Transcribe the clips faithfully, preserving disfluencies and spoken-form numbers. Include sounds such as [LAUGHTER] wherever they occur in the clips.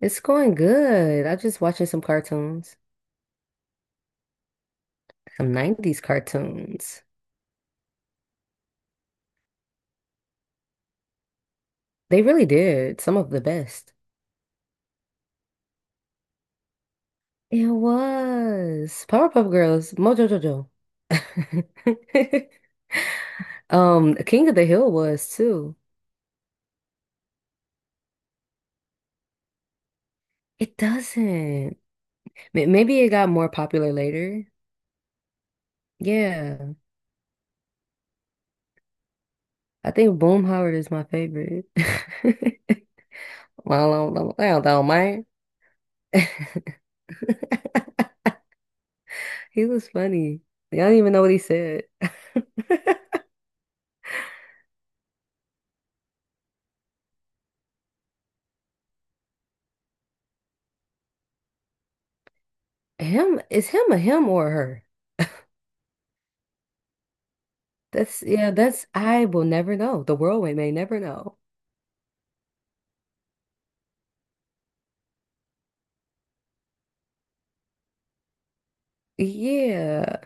It's going good. I just watching some cartoons, some nineties cartoons. They really did some of the best. It was Powerpuff Girls, Mojo Jojo. [LAUGHS] Um, King of the Hill was too. It doesn't. May- Maybe it got more popular later. Yeah. I think Boom Howard is my favorite. [LAUGHS] Well, I don't, I don't mind. [LAUGHS] He was funny. Y'all don't even know what he said. [LAUGHS] Him is him a him or a her? That's yeah, that's I will never know. The world we may never know. Yeah,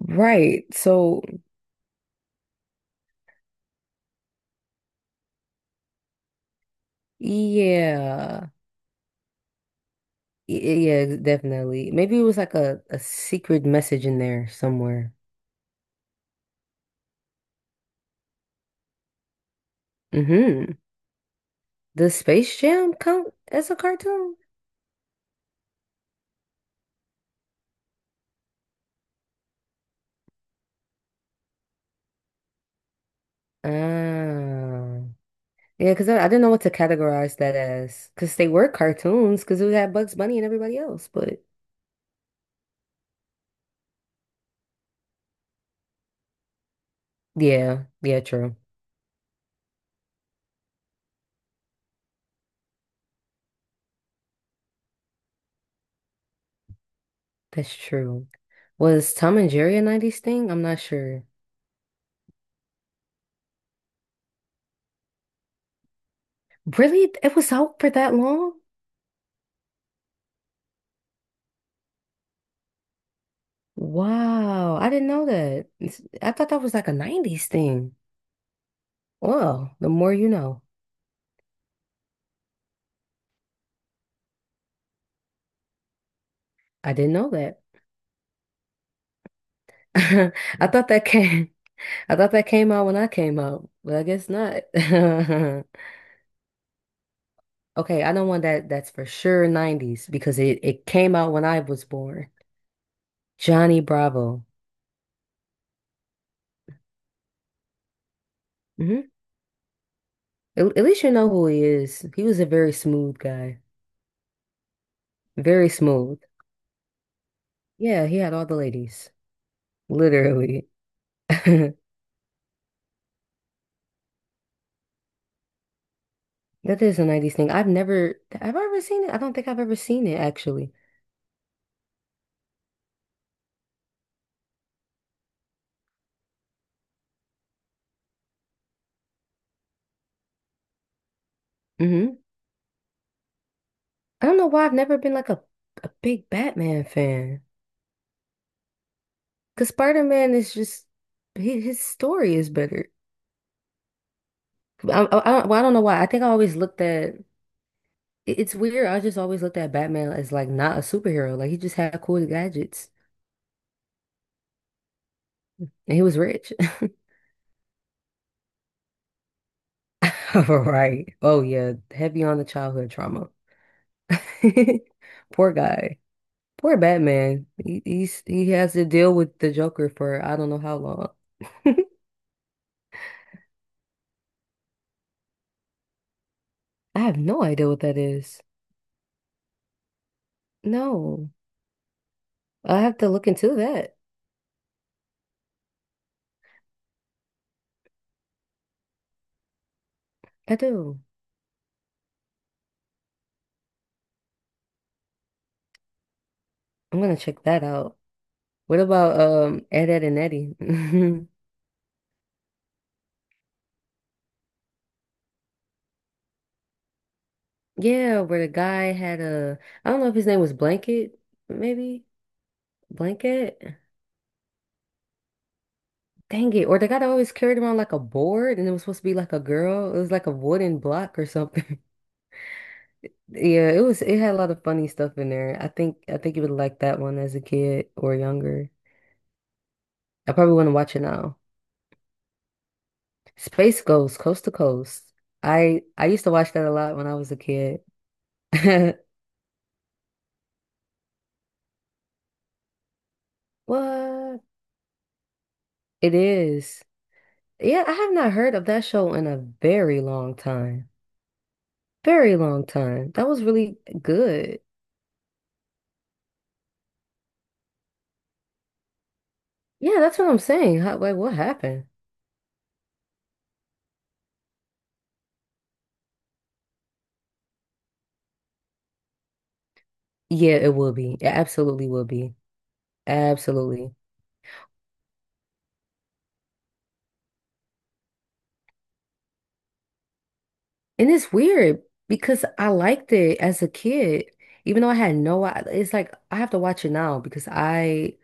right. So yeah. Y- Yeah, definitely. Maybe it was like a, a secret message in there somewhere. Mm-hmm. Does Space Jam count as a cartoon? Ah. Yeah, because I, I didn't know what to categorize that as. Because they were cartoons, because it had Bugs Bunny and everybody else. But yeah, yeah, true. That's true. Was Tom and Jerry a nineties thing? I'm not sure. Really? It was out for that long? Wow, I didn't know that. It's- I thought that was like a nineties thing. Well, the more you know. I didn't know that. [LAUGHS] I thought that came [LAUGHS] I thought that came out when I came out, but I guess not. [LAUGHS] Okay, I know one that that's for sure nineties because it, it came out when I was born. Johnny Bravo. Hmm At, at least you know who he is. He was a very smooth guy. Very smooth. Yeah, he had all the ladies, literally. [LAUGHS] That is a nineties thing. I've never, have I ever seen it? I don't think I've ever seen it, actually. Hmm I don't know why I've never been like a, a big Batman fan. Because Spider-Man is just, his, his story is better. I, I, I, well, I don't know why. I think I always looked at, it- it's weird. I just always looked at Batman as like not a superhero. Like he just had cool gadgets and he was rich. [LAUGHS] Right. Oh, yeah. Heavy on the childhood trauma. [LAUGHS] Poor guy. Poor Batman. He he's, he has to deal with the Joker for I don't know how long. [LAUGHS] I have no idea what that is. No, I have to look into that. I do. I'm gonna check that out. What about um Ed, Ed and Eddie? [LAUGHS] Yeah, where the guy had a I don't know if his name was Blanket, maybe Blanket. Dang it! Or the guy that always carried around like a board, and it was supposed to be like a girl. It was like a wooden block or something. Yeah, it was it had a lot of funny stuff in there. I think I think you would like that one as a kid or younger. I probably want to watch it now. Space Ghost, Coast to Coast. I I used to watch that a lot when I was a kid. [LAUGHS] What? It is. Yeah, I have not heard of that show in a very long time. Very long time. That was really good. Yeah, that's what I'm saying. How, like, what happened? Yeah, it will be. It absolutely will be. Absolutely. And it's weird because I liked it as a kid, even though I had no, I- it's like I have to watch it now because I,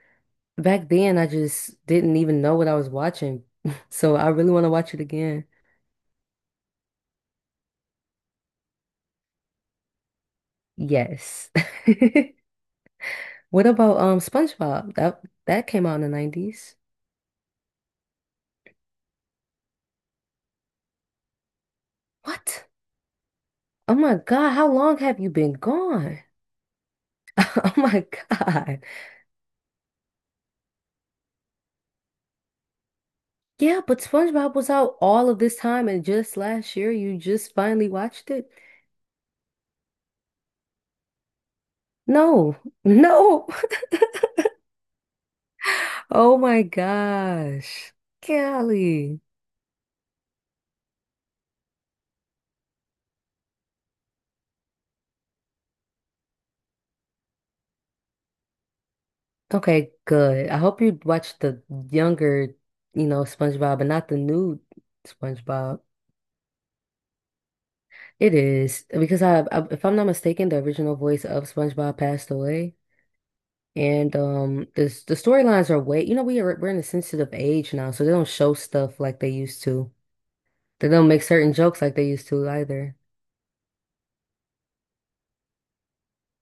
back then, I just didn't even know what I was watching. [LAUGHS] So I really want to watch it again. Yes. [LAUGHS] What about um SpongeBob? That that came out in the nineties. What? Oh my God, how long have you been gone? [LAUGHS] Oh my God. Yeah, but SpongeBob was out all of this time and just last year you just finally watched it? No. [LAUGHS] No. Oh my gosh. Golly. Okay, good. I hope you watched the younger, you know, SpongeBob, but not the new SpongeBob. It is because I, I, if I'm not mistaken, the original voice of SpongeBob passed away, and um, the s- the storylines are way, you know, we are we're in a sensitive age now, so they don't show stuff like they used to. They don't make certain jokes like they used to either.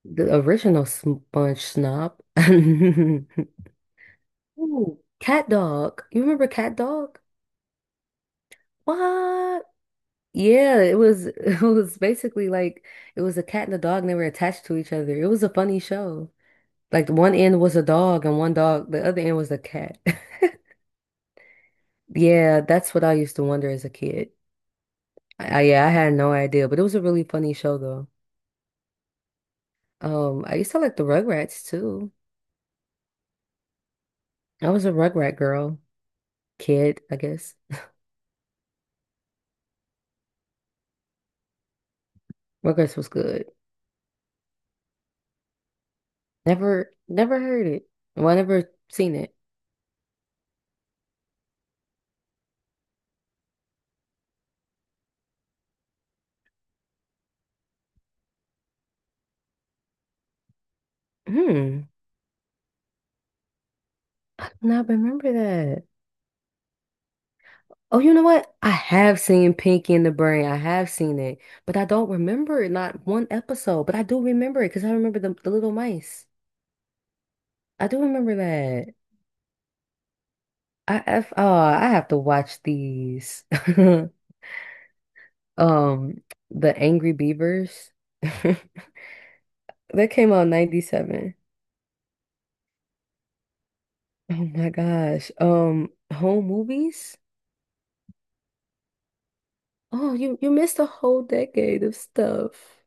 The original Sponge Snob. [LAUGHS] Ooh, Cat Dog. You remember Cat Dog? What? Yeah, it was [LAUGHS] it was basically like it was a cat and a dog and they were attached to each other. It was a funny show. Like one end was a dog and one dog, the other end was a cat. [LAUGHS] Yeah, that's what I used to wonder as a kid. I, I- yeah, I had no idea, but it was a really funny show though. Um, I used to like the Rugrats too. I was a Rugrat girl, kid, I guess. Rugrats was good. Never, never heard it. Well, I never seen it. Hmm. I do not remember that. Oh, you know what? I have seen Pinky and the Brain. I have seen it, but I don't remember it, not one episode. But I do remember it because I remember the, the little mice. I do remember that. I, have oh, I have to watch these. [LAUGHS] Um, the Angry Beavers. [LAUGHS] That came out in ninety-seven. Oh my gosh. Um, home movies? Oh, you you missed a whole decade of stuff.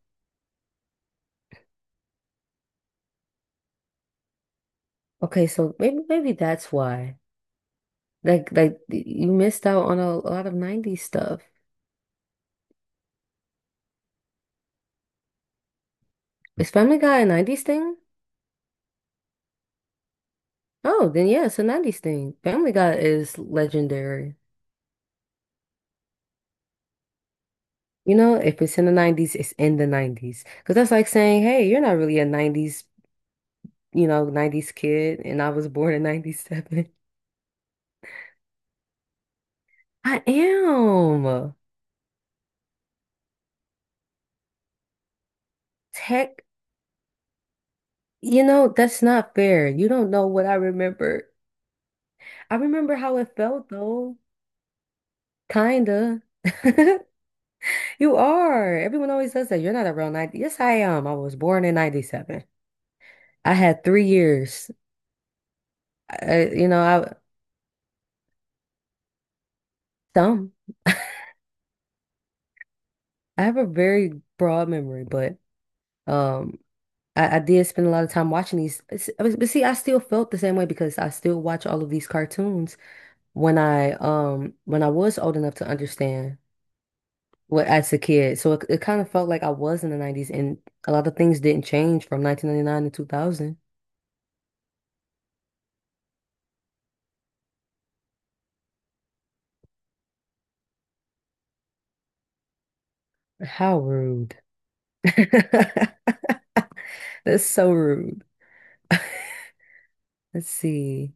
Okay, so maybe maybe that's why. Like like you missed out on a, a lot of nineties stuff. Is Family Guy a nineties thing? Oh, then yeah, it's a nineties thing. Family Guy is legendary. You know, if it's in the nineties, it's in the nineties. Because that's like saying, hey, you're not really a nineties, you know, nineties kid, and I was born in ninety-seven. [LAUGHS] I am. Tech, you know, that's not fair. You don't know what I remember. I remember how it felt though, kinda. [LAUGHS] You are. Everyone always says that. You're not a real ninety. Yes, I am. I was born in ninety-seven. I had three years. I, you know, I some. [LAUGHS] I have a very broad memory, but um, I, I did spend a lot of time watching these. it's- I was- But see, I still felt the same way because I still watch all of these cartoons when I um when I was old enough to understand what as a kid. So it, it kind of felt like I was in the nineties, and a lot of things didn't change from nineteen ninety-nine to two thousand. How rude. [LAUGHS] That's so rude. Let's see.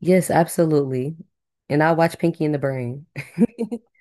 Yes, absolutely. And I watch Pinky and the Brain. [LAUGHS]